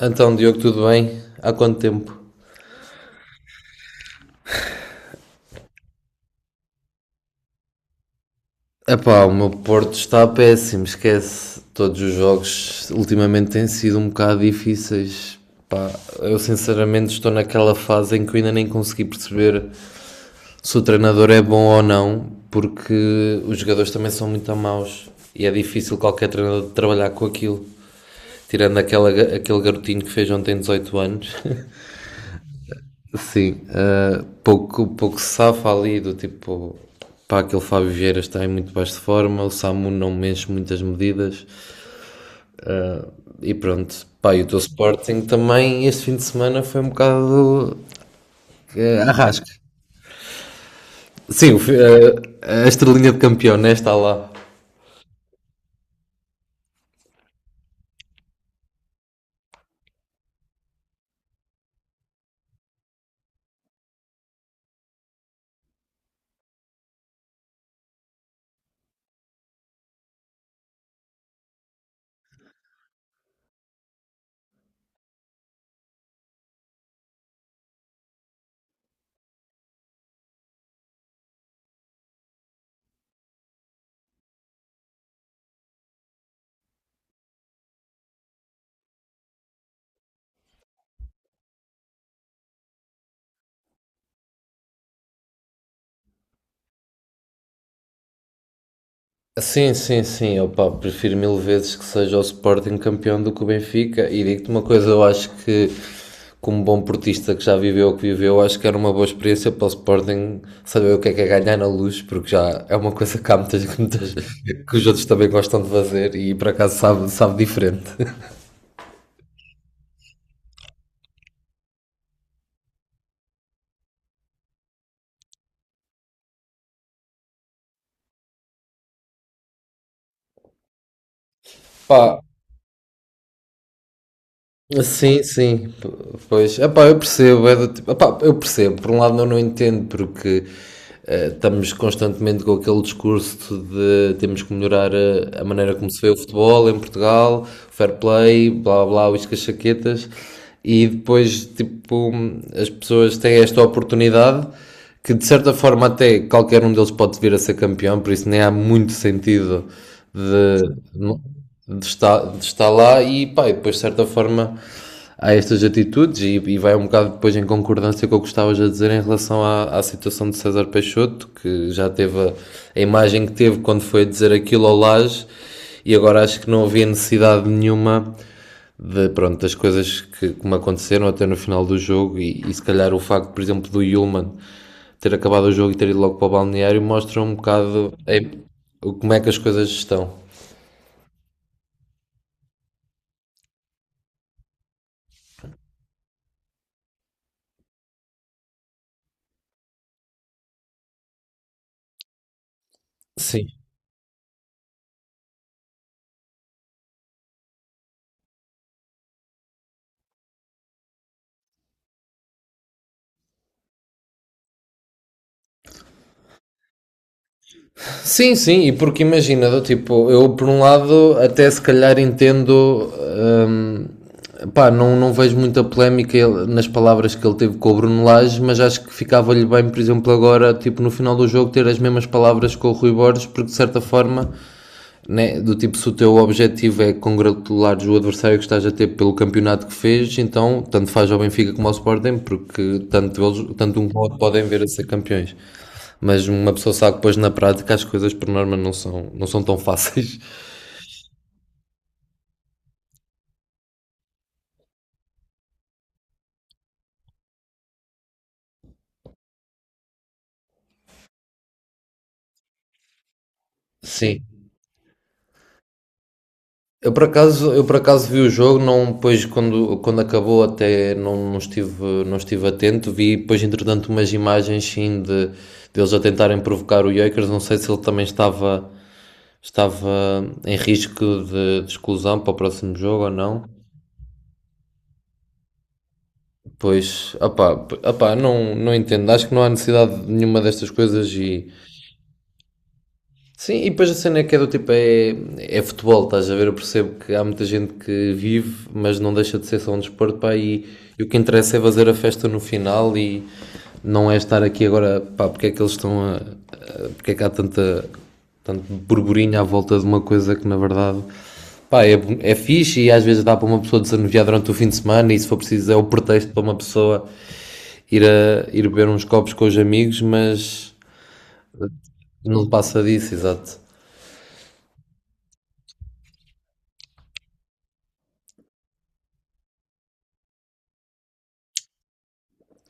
Então, Diogo, tudo bem? Há quanto tempo? Epá, o meu Porto está péssimo, esquece. Todos os jogos ultimamente têm sido um bocado difíceis. Pá, eu sinceramente estou naquela fase em que eu ainda nem consegui perceber se o treinador é bom ou não, porque os jogadores também são muito maus e é difícil qualquer treinador trabalhar com aquilo. Tirando aquele garotinho que fez ontem 18 anos. Sim, pouco se safa ali do tipo, pá, aquele Fábio Vieira está em muito baixa forma, o Samu não mexe muitas medidas e pronto. Pá, e o teu Sporting também este fim de semana foi um bocado arrasca. Sim, a estrelinha de campeão, né, está lá. Sim, sim, sim. Opa, prefiro mil vezes que seja o Sporting campeão do que o Benfica. E digo-te uma coisa, eu acho que, como bom portista que já viveu o que viveu, acho que era uma boa experiência para o Sporting saber o que é ganhar na luz, porque já é uma coisa que há muitas, que muitas- que os outros também gostam de fazer e por acaso sabe, sabe diferente. Pá, sim, sim, pois, epá, eu percebo, é do tipo, epá, eu percebo, por um lado eu não entendo porque estamos constantemente com aquele discurso de temos que melhorar a maneira como se vê o futebol em Portugal, fair play, blá blá, uíscas chaquetas, e depois tipo as pessoas têm esta oportunidade que de certa forma até qualquer um deles pode vir a ser campeão, por isso nem há muito sentido de estar lá e pá, e depois de certa forma há estas atitudes e vai um bocado depois em concordância com o que estavas a dizer em relação à situação de César Peixoto, que já teve a imagem que teve quando foi dizer aquilo ao Laje e agora acho que não havia necessidade nenhuma de, pronto, das coisas que me aconteceram até no final do jogo e se calhar o facto, por exemplo, do Yulman ter acabado o jogo e ter ido logo para o balneário mostra um bocado como é que as coisas estão. Sim. Sim, sim, e porque imagina, do tipo, eu por um lado até se calhar entendo, pá, não, não vejo muita polémica nas palavras que ele teve com o Bruno Lage, mas acho que ficava-lhe bem, por exemplo, agora, tipo, no final do jogo, ter as mesmas palavras com o Rui Borges, porque de certa forma né? Do tipo, se o teu objetivo é congratular o adversário que estás a ter pelo campeonato que fez, então tanto faz ao Benfica como ao Sporting, porque tanto, eles, tanto um como outro podem ver a ser campeões. Mas uma pessoa sabe que depois na prática as coisas por norma não são, não são tão fáceis. Sim. Eu por acaso vi o jogo, não, depois quando, quando acabou até não, não estive, não estive atento, vi depois entretanto umas imagens sim de, deles a tentarem provocar o Jokers, não sei se ele também estava estava em risco de exclusão para o próximo jogo ou não. Pois, opá, opá, não, não entendo. Acho que não há necessidade de nenhuma destas coisas e sim, e depois a cena é que é do tipo, é futebol, estás a ver? Eu percebo que há muita gente que vive, mas não deixa de ser só um desporto, pá, e o que interessa é fazer a festa no final e não é estar aqui agora, pá, porque é que eles estão porque é que há tanta, tanto burburinho à volta de uma coisa que na verdade, pá, é fixe e às vezes dá para uma pessoa desanuviar durante o fim de semana e se for preciso é o pretexto para uma pessoa ir beber uns copos com os amigos, mas não passa disso, exato.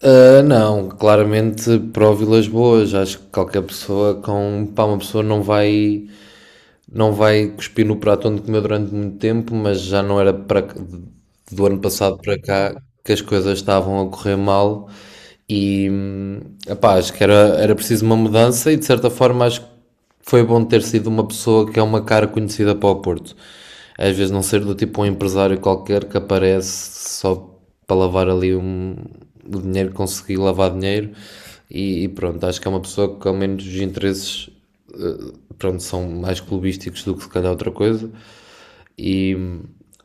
Ah, não, claramente para Vilas Boas, acho que qualquer pessoa com, pá, uma pessoa não vai não vai cuspir no prato onde comeu durante muito tempo, mas já não era para do ano passado para cá que as coisas estavam a correr mal e epá, acho que era, era preciso uma mudança e de certa forma acho que foi bom ter sido uma pessoa que é uma cara conhecida para o Porto. Às vezes não ser do tipo um empresário qualquer que aparece só para lavar o dinheiro, conseguir lavar dinheiro e pronto, acho que é uma pessoa que ao menos os interesses eh, pronto, são mais clubísticos do que se calhar outra coisa. E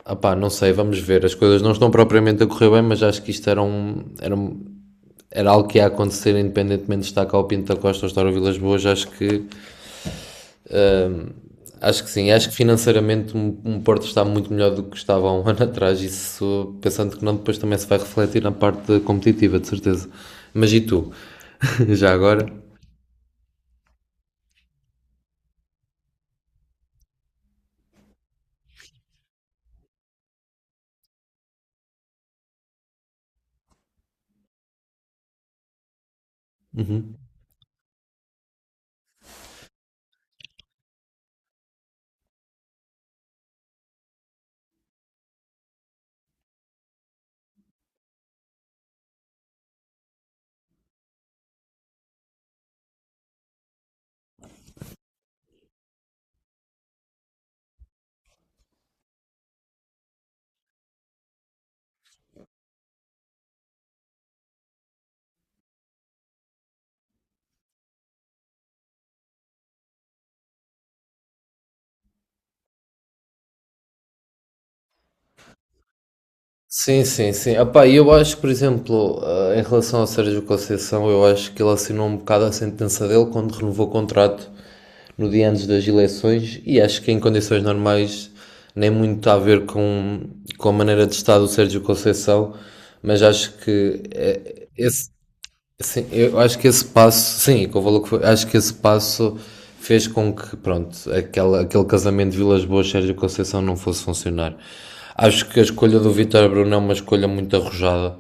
opá, não sei, vamos ver. As coisas não estão propriamente a correr bem, mas acho que isto era era algo que ia acontecer independentemente de estar cá o Pinto da Costa ou estar o Vilas Boas. Ahm, acho que sim, acho que financeiramente um Porto está muito melhor do que estava há um ano atrás. Isso pensando que não, depois também se vai refletir na parte competitiva, de certeza. Mas e tu? Já agora? Uhum. Sim, sim, sim. Epá, e eu acho que, por exemplo, ah, em relação ao Sérgio Conceição, eu acho que ele assinou um bocado a sentença dele quando renovou o contrato no dia antes das eleições e acho que em condições normais nem muito a ver com a maneira de estar do Sérgio Conceição, mas acho que sim, eu acho que esse passo, sim, com o valor que foi, acho que esse passo fez com que, pronto, aquele casamento de Vilas Boas Sérgio Conceição não fosse funcionar. Acho que a escolha do Vítor Bruno é uma escolha muito arrojada,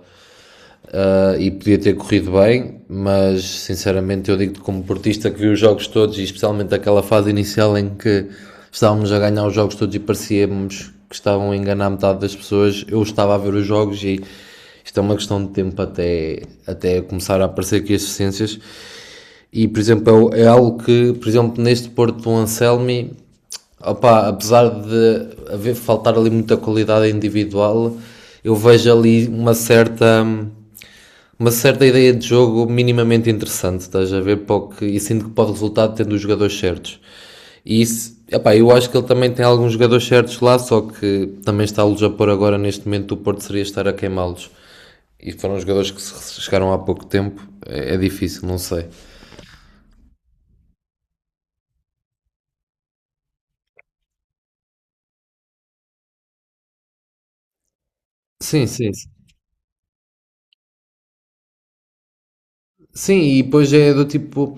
ah, e podia ter corrido bem, mas sinceramente eu digo-te como portista que vi os jogos todos e especialmente aquela fase inicial em que estávamos a ganhar os jogos todos e parecíamos que estavam a enganar metade das pessoas, eu estava a ver os jogos e isto é uma questão de tempo até começar a aparecer aqui as deficiências e por exemplo é algo que, por exemplo, neste Porto do Anselmi opá, apesar de haver faltar ali muita qualidade individual, eu vejo ali uma certa ideia de jogo minimamente interessante, estás a ver? Porque, e sinto que pode resultar tendo os jogadores certos. E isso, epá, eu acho que ele também tem alguns jogadores certos lá, só que também está-los a pôr agora neste momento o Porto seria estar a queimá-los. E foram jogadores que chegaram há pouco tempo, é difícil, não sei. Sim, sim. Sim, sim, e depois é do tipo,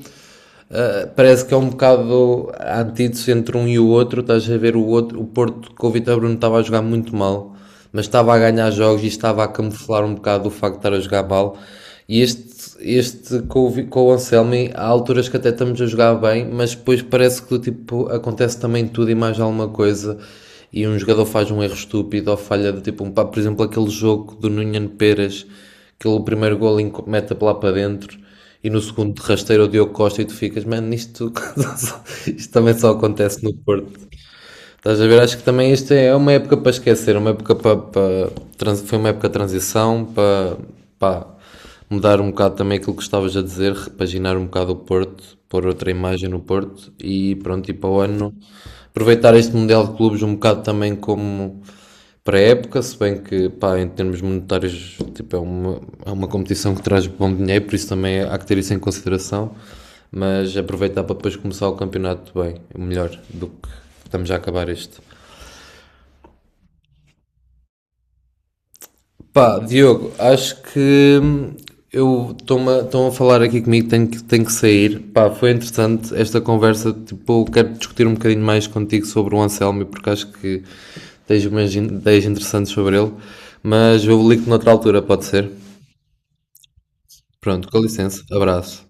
uh, parece que é um bocado a antítese entre um e o outro. Estás a ver o outro, o Porto com o Vitor Bruno estava a jogar muito mal, mas estava a ganhar jogos e estava a camuflar um bocado o facto de estar a jogar mal. E este com, com o Anselmi, há alturas que até estamos a jogar bem, mas depois parece que tipo, acontece também tudo e mais alguma coisa. E um jogador faz um erro estúpido ou falha de tipo um pá, por exemplo, aquele jogo do Núñez Pérez, aquele primeiro gol mete lá para dentro. E no segundo de rasteiro o Diogo Costa e tu ficas, mano, isto, isto também só acontece no Porto. Estás a ver? Acho que também isto é uma época para esquecer, uma época para foi uma época de transição para, pá, mudar um bocado também aquilo que estavas a dizer, repaginar um bocado o Porto, pôr outra imagem no Porto e pronto, e para o ano aproveitar este Mundial de Clubes um bocado também como para a época, se bem que, pá, em termos monetários, tipo, é é uma competição que traz bom dinheiro, por isso também há que ter isso em consideração, mas aproveitar para depois começar o campeonato bem, melhor do que estamos a acabar este. Pá, Diogo, acho que eu estão a falar aqui comigo, tenho tenho que sair. Pá, foi interessante esta conversa, tipo, eu quero discutir um bocadinho mais contigo sobre o Anselmo, porque acho que tens umas ideias interessantes sobre ele, mas eu ligo-te noutra altura, pode ser? Pronto, com licença, abraço.